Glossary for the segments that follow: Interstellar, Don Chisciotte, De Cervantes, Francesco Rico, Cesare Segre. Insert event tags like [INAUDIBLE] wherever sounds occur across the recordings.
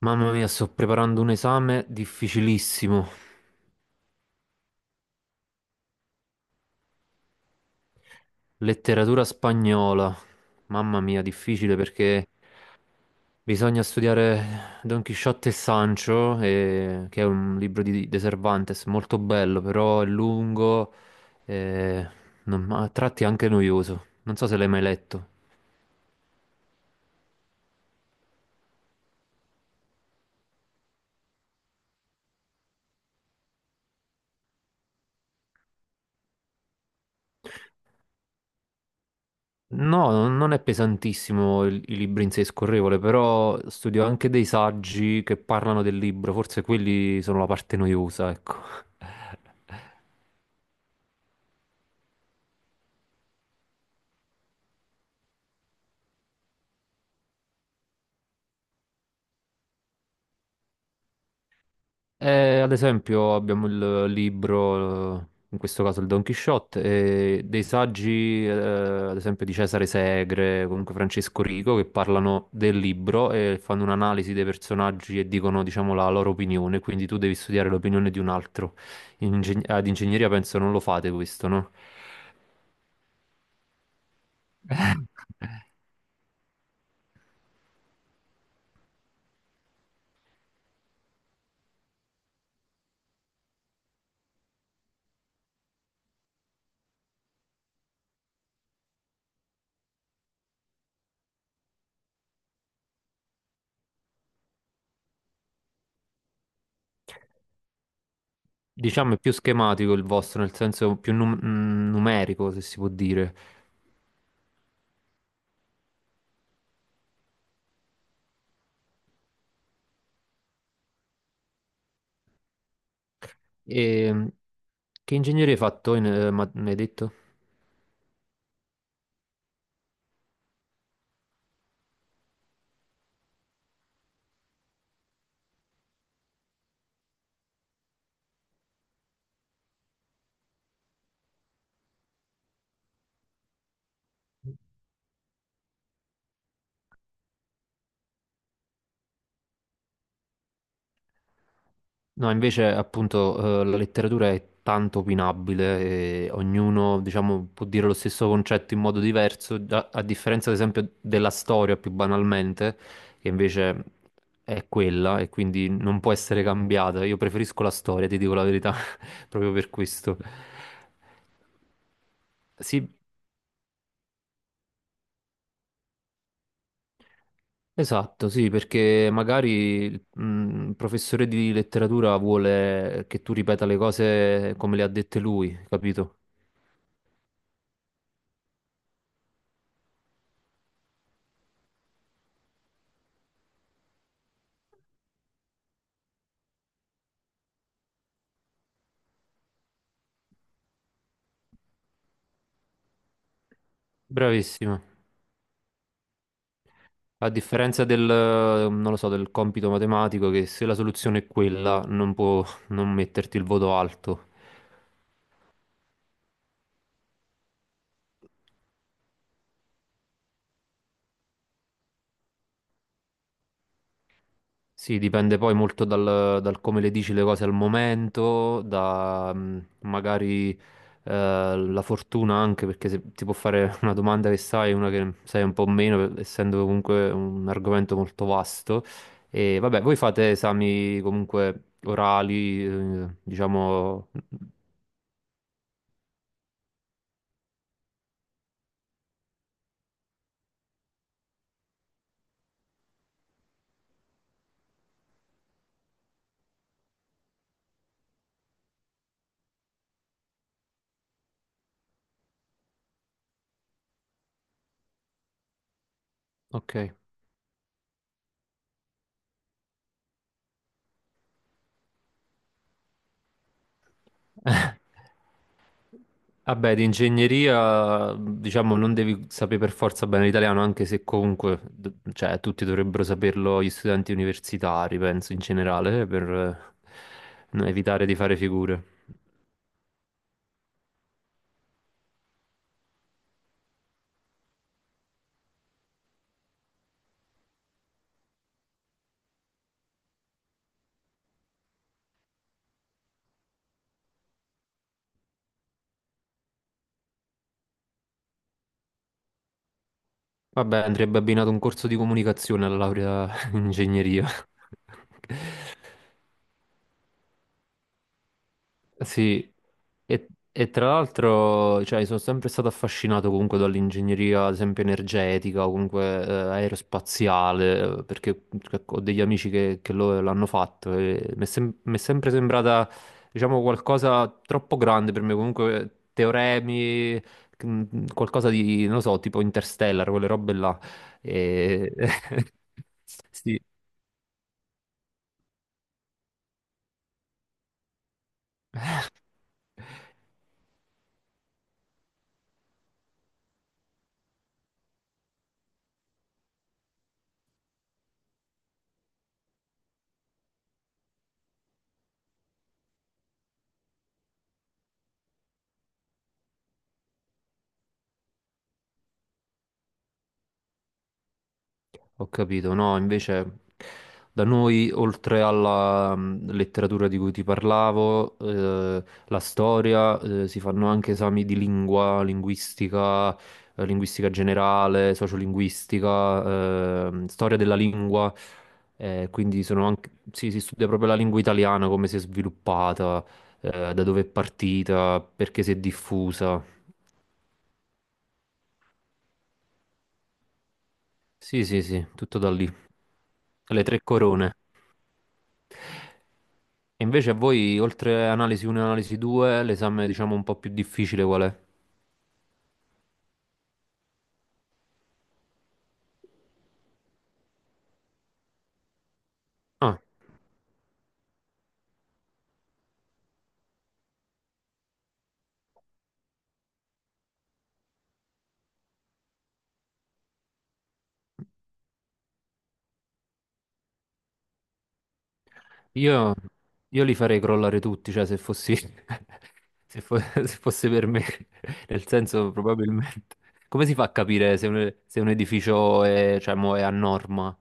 Mamma mia, sto preparando un esame difficilissimo. Letteratura spagnola. Mamma mia, difficile perché bisogna studiare Don Chisciotte e Sancho, che è un libro di De Cervantes, molto bello, però è lungo e a tratti anche noioso. Non so se l'hai mai letto. No, non è pesantissimo il libro in sé, è scorrevole, però studio anche dei saggi che parlano del libro, forse quelli sono la parte noiosa, ecco. Ad esempio abbiamo il libro, in questo caso il Don Chisciotte, e dei saggi, ad esempio di Cesare Segre, comunque Francesco Rico, che parlano del libro e fanno un'analisi dei personaggi e dicono, diciamo, la loro opinione, quindi tu devi studiare l'opinione di un altro. Ad ingegneria penso non lo fate questo, no? [LAUGHS] Diciamo è più schematico il vostro, nel senso più numerico, se si può dire. E, che ingegneria hai fatto, mi hai detto? No, invece appunto la letteratura è tanto opinabile e ognuno, diciamo, può dire lo stesso concetto in modo diverso, a differenza ad esempio della storia più banalmente, che invece è quella e quindi non può essere cambiata. Io preferisco la storia, ti dico la verità, [LAUGHS] proprio per questo. Sì, esatto, sì, perché magari il professore di letteratura vuole che tu ripeta le cose come le ha dette lui, capito? Bravissimo. A differenza del, non lo so, del compito matematico, che se la soluzione è quella, non può non metterti il voto alto. Sì, dipende poi molto dal come le dici le cose al momento, da magari la fortuna anche, perché se ti può fare una domanda che sai, una che sai un po' meno, essendo comunque un argomento molto vasto. E vabbè, voi fate esami comunque orali, diciamo... Ok. [LAUGHS] Vabbè, di ingegneria, diciamo, non devi sapere per forza bene l'italiano, anche se comunque, cioè, tutti dovrebbero saperlo gli studenti universitari, penso, in generale, per evitare di fare figure. Vabbè, andrebbe abbinato un corso di comunicazione alla laurea [LAUGHS] in ingegneria. [LAUGHS] Sì, e tra l'altro, cioè, sono sempre stato affascinato comunque dall'ingegneria, ad esempio, energetica o comunque aerospaziale, perché cioè, ho degli amici che l'hanno fatto e mi è, mi è sempre sembrata, diciamo, qualcosa troppo grande per me, comunque teoremi, qualcosa di, non lo so, tipo Interstellar, quelle robe là. E... [LAUGHS] Sì. Ho capito, no, invece da noi, oltre alla letteratura di cui ti parlavo, la storia, si fanno anche esami di lingua, linguistica, linguistica generale, sociolinguistica, storia della lingua, quindi sono anche, sì, si studia proprio la lingua italiana, come si è sviluppata, da dove è partita, perché si è diffusa. Sì, sì, sì, tutto da lì. Le tre corone. E invece a voi, oltre analisi 1 e analisi 2, l'esame diciamo un po' più difficile qual è? Ah, io, io li farei crollare tutti, cioè se fossi, [LAUGHS] se fosse per me, [LAUGHS] nel senso probabilmente. Come si fa a capire se se un edificio è, cioè, mo è a norma?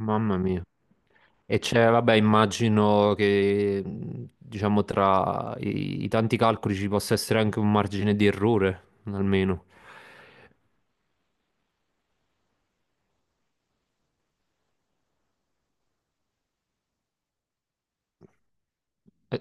Mamma mia. E c'è, vabbè, immagino che diciamo tra i tanti calcoli ci possa essere anche un margine di errore, almeno. Eh,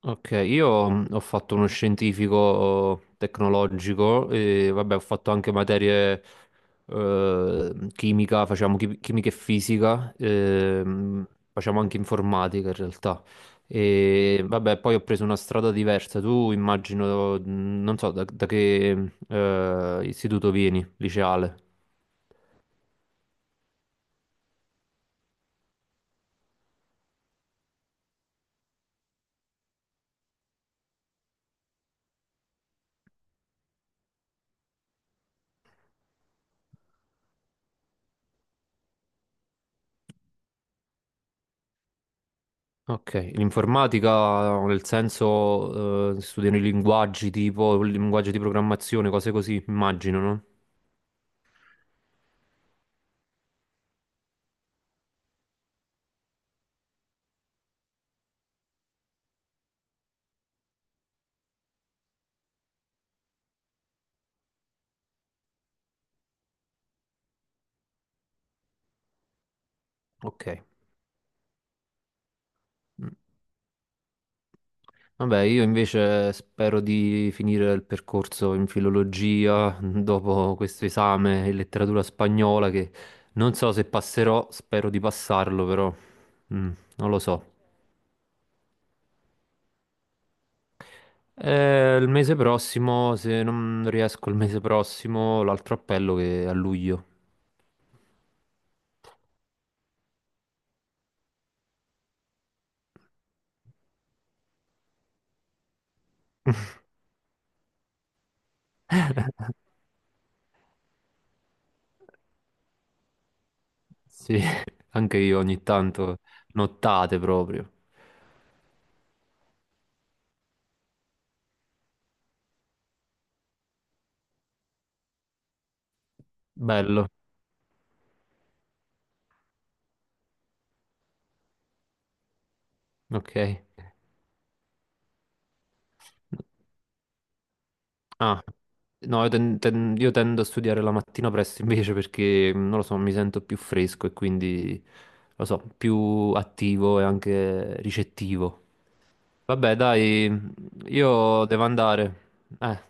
Ok, io ho fatto uno scientifico tecnologico e vabbè, ho fatto anche materie chimica, facciamo chimica e fisica, facciamo anche informatica in realtà. E vabbè, poi ho preso una strada diversa. Tu immagino, non so da che istituto vieni, liceale. Ok, l'informatica nel senso studiano i linguaggi tipo, linguaggi di programmazione, cose così, immagino, no? Ok. Mm. Vabbè, io invece spero di finire il percorso in filologia [LAUGHS] mm, dopo questo esame in letteratura spagnola che non so se passerò, spero di passarlo, però mm, non lo so. Il mese prossimo, se non riesco il mese prossimo, l'altro appello che è a luglio. [LAUGHS] Sì, anche io ogni tanto, nottate proprio. Bello, ok. Ah, no, io tendo a studiare la mattina presto invece perché, mm, non lo so, mi sento più fresco e quindi, lo so, più attivo e anche ricettivo. Vabbè, dai, io devo andare. Eh.